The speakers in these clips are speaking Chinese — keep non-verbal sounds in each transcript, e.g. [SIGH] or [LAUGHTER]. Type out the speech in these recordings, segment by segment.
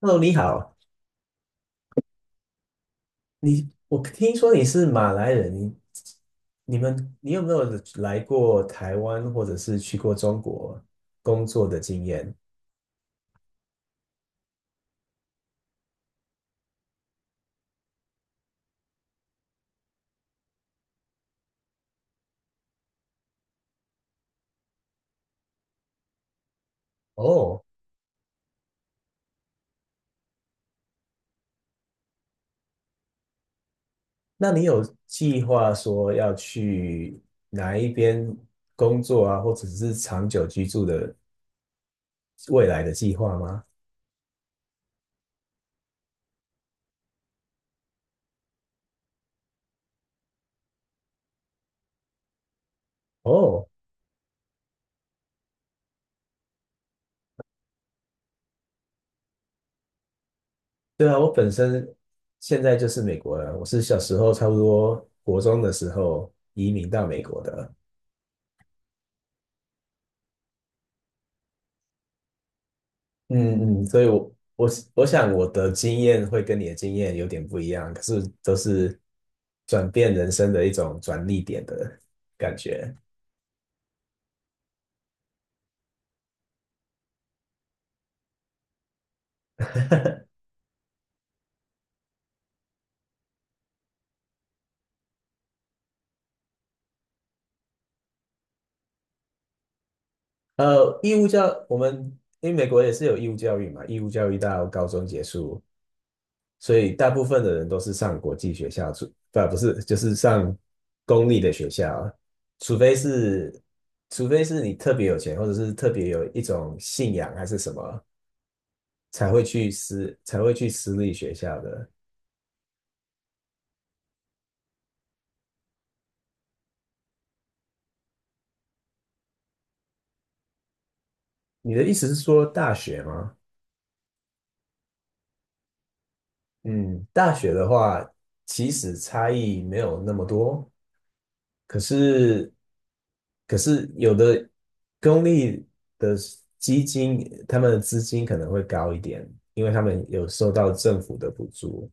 Hello，你好，我听说你是马来人，你有没有来过台湾或者是去过中国工作的经验？哦，那你有计划说要去哪一边工作啊，或者是长久居住的未来的计划吗？哦，对啊，我本身现在就是美国人，我是小时候差不多国中的时候移民到美国的。嗯嗯，所以我想我的经验会跟你的经验有点不一样，可是都是转变人生的一种转捩点的感觉。[LAUGHS] 呃，义务教我们因为美国也是有义务教育嘛，义务教育到高中结束，所以大部分的人都是上国际学校，除不不是就是上公立的学校啊，除非是除非是你特别有钱，或者是特别有一种信仰还是什么，才会去私立学校的。你的意思是说大学吗？嗯，大学的话，其实差异没有那么多，可是，可是有的公立的基金，他们的资金可能会高一点，因为他们有受到政府的补助。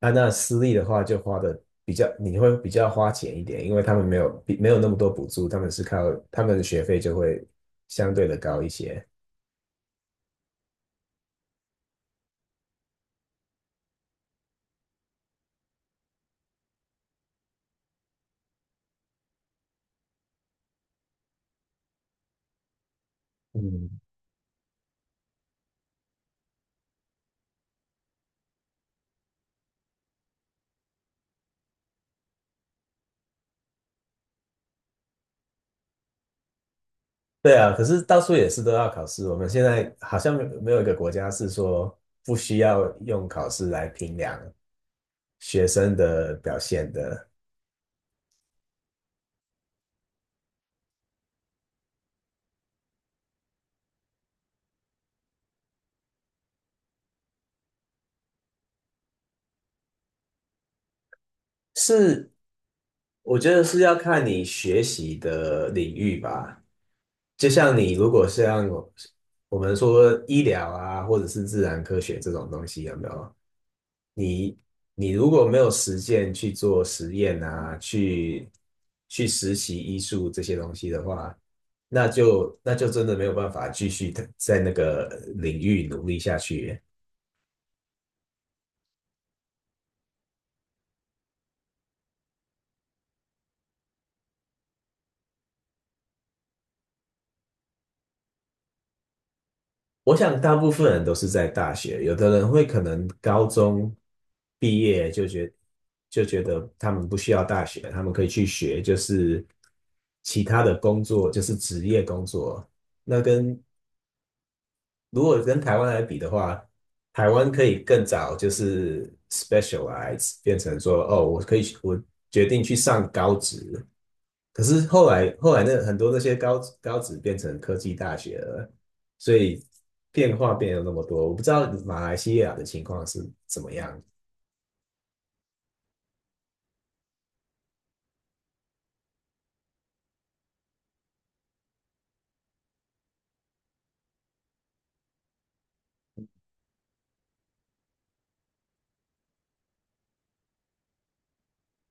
啊，那私立的话就花的比较，你会比较花钱一点，因为他们没有那么多补助，他们是靠他们的学费就会相对的高一些。嗯，对啊，可是到处也是都要考试。我们现在好像没有一个国家是说不需要用考试来评量学生的表现的。是，我觉得是要看你学习的领域吧。就像你，如果像我，我们说医疗啊，或者是自然科学这种东西，有没有？你你如果没有实践去做实验啊，去实习医术这些东西的话，那就真的没有办法继续在那个领域努力下去。我想大部分人都是在大学，有的人会可能高中毕业就觉得他们不需要大学，他们可以去学就是其他的工作，就是职业工作。那跟如果跟台湾来比的话，台湾可以更早就是 specialize,变成说哦，我可以，我决定去上高职，可是后来那很多那些高职变成科技大学了，所以变化变了那么多。我不知道马来西亚的情况是怎么样。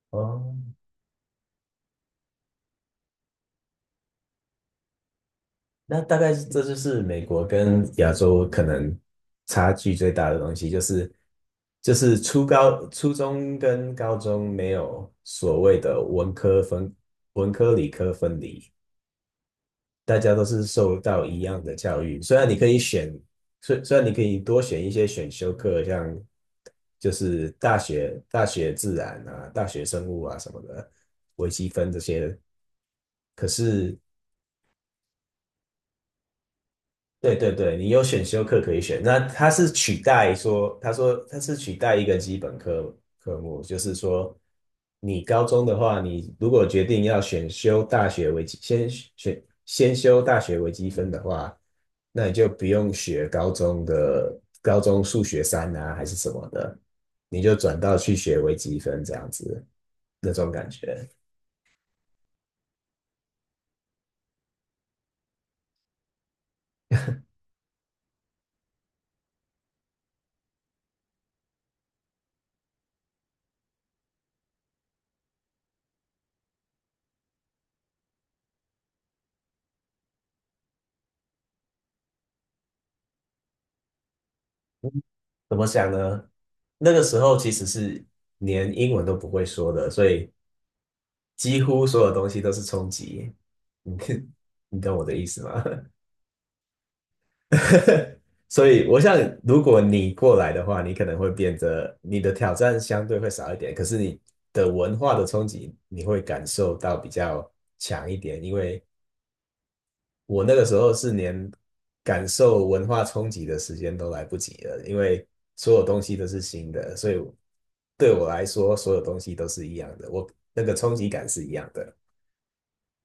哦，那大概是这就是美国跟亚洲可能差距最大的东西，就是初中跟高中没有所谓的文科分、文科理科分离，大家都是受到一样的教育，虽然你可以选，虽然你可以多选一些选修课，像就是大学自然啊、大学生物啊什么的，微积分这些，可是对对对，你有选修课可以选。那它是取代说，他说它是取代一个基本科目，就是说，你高中的话，你如果决定要选修大学微积，先选先修大学微积分的话，那你就不用学高中的数学三啊，还是什么的，你就转到去学微积分这样子，那种感觉。怎么想呢？那个时候其实是连英文都不会说的，所以几乎所有东西都是冲击，你 [LAUGHS] 你懂我的意思吗？[LAUGHS] 所以，我想，如果你过来的话，你可能会变得你的挑战相对会少一点，可是你的文化的冲击你会感受到比较强一点。因为我那个时候是连感受文化冲击的时间都来不及了，因为所有东西都是新的，所以对我来说，所有东西都是一样的，我那个冲击感是一样的。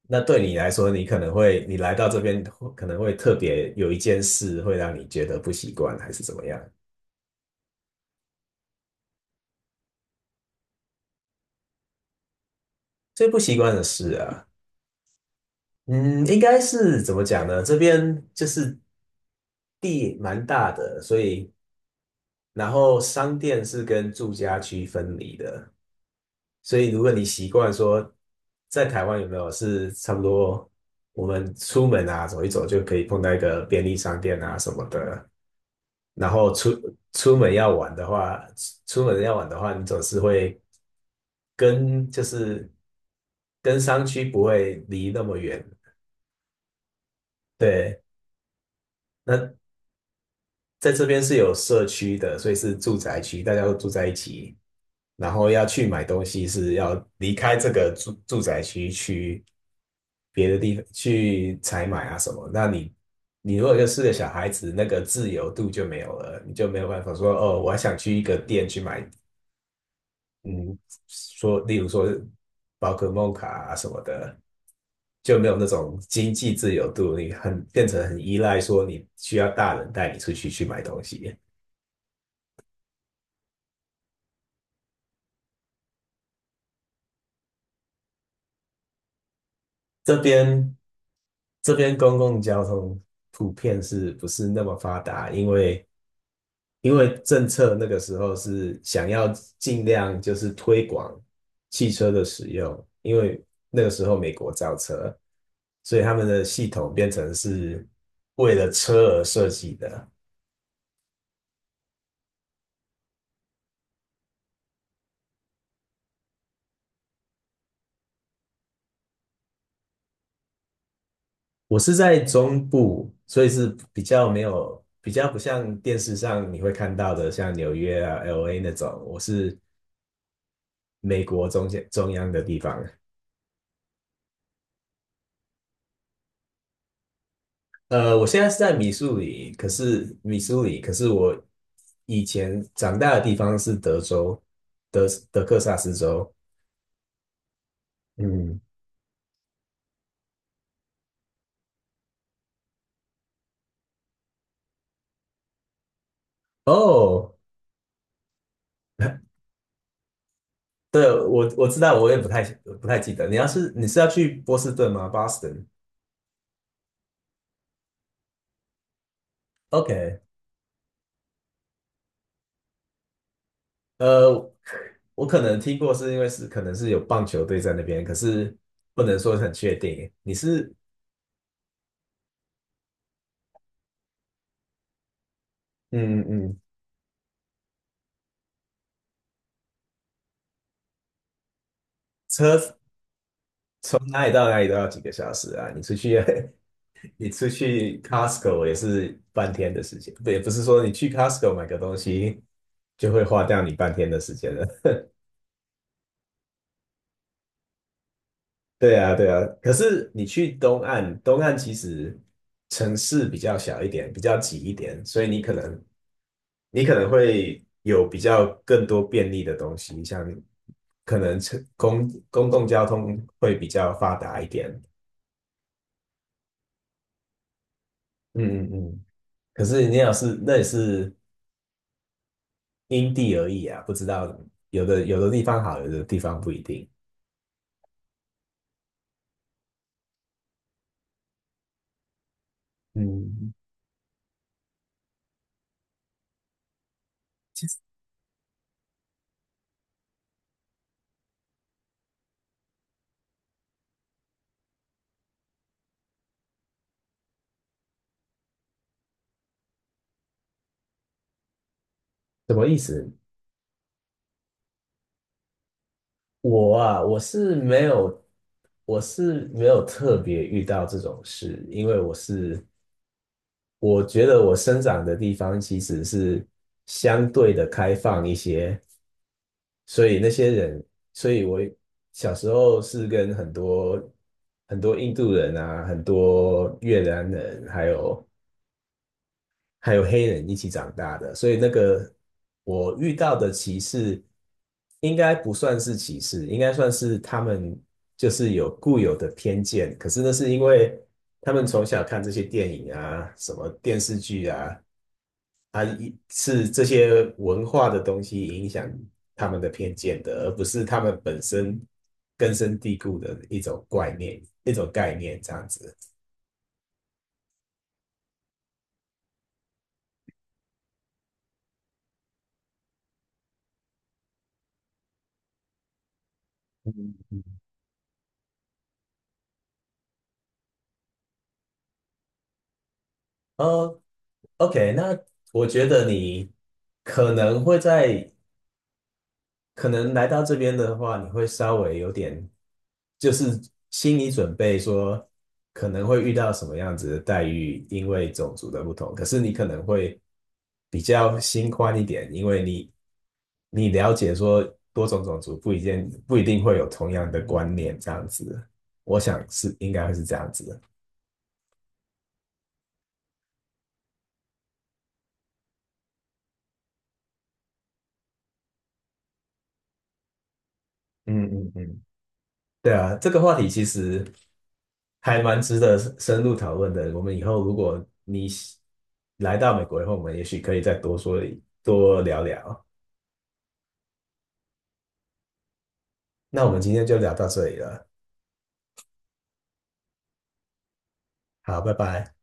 那对你来说，你可能会，你来到这边可能会特别有一件事会让你觉得不习惯，还是怎么样？最不习惯的事啊，嗯，应该是怎么讲呢？这边就是地蛮大的，所以然后商店是跟住家区分离的，所以如果你习惯说在台湾有没有是差不多，我们出门啊走一走就可以碰到一个便利商店啊什么的。然后出门要玩的话，出门要玩的话，你总是会跟就是跟商区不会离那么远，对。那在这边是有社区的，所以是住宅区，大家都住在一起。然后要去买东西是要离开这个住宅区去别的地方去采买啊什么。那你如果就是个小孩子，那个自由度就没有了，你就没有办法说哦，我还想去一个店去买嗯，例如说宝可梦卡啊什么的，就没有那种经济自由度，你很变成很依赖说你需要大人带你出去去买东西。这边这边公共交通普遍是不是那么发达？因为政策那个时候是想要尽量就是推广汽车的使用，因为那个时候美国造车，所以他们的系统变成是为了车而设计的。我是在中部，所以是比较没有，比较不像电视上你会看到的，像纽约啊、LA 那种。我是美国中间中央的地方。我现在是在密苏里，可是我以前长大的地方是德州，德克萨斯州。嗯，哦，对，我知道，我也不太记得。你是要去波士顿吗Boston？OK，呃，我可能听过，是因为是可能是有棒球队在那边，可是不能说很确定。你是？嗯嗯。车从哪里到哪里都要几个小时啊？你出去 Costco 也是半天的时间，不，也不是说你去 Costco 买个东西就会花掉你半天的时间了。[LAUGHS] 对啊，对啊。可是你去东岸，东岸其实城市比较小一点，比较挤一点，所以你可能会有比较更多便利的东西，像可能车公共交通会比较发达一点。嗯嗯嗯。可是你要是那也是因地而异啊，不知道有的地方好，有的地方不一定。嗯，其实什么意思？我啊，我是没有，我是没有特别遇到这种事，因为我是，我觉得我生长的地方其实是相对的开放一些，所以那些人，所以我小时候是跟很多很多印度人啊，很多越南人，还有黑人一起长大的，所以那个我遇到的歧视应该不算是歧视，应该算是他们就是有固有的偏见。可是那是因为他们从小看这些电影啊、什么电视剧啊，啊是这些文化的东西影响他们的偏见的，而不是他们本身根深蒂固的一种观念、一种概念这样子。嗯呃 OK,那我觉得你可能会在，可能来到这边的话，你会稍微有点，就是心理准备说可能会遇到什么样子的待遇，因为种族的不同。可是你可能会比较心宽一点，因为你了解说多种种族不一定会有同样的观念，这样子，我想是应该会是这样子的。嗯嗯嗯。对啊，这个话题其实还蛮值得深入讨论的。我们以后如果你来到美国以后，我们也许可以再多说一多聊聊。那我们今天就聊到这里了，好，拜拜。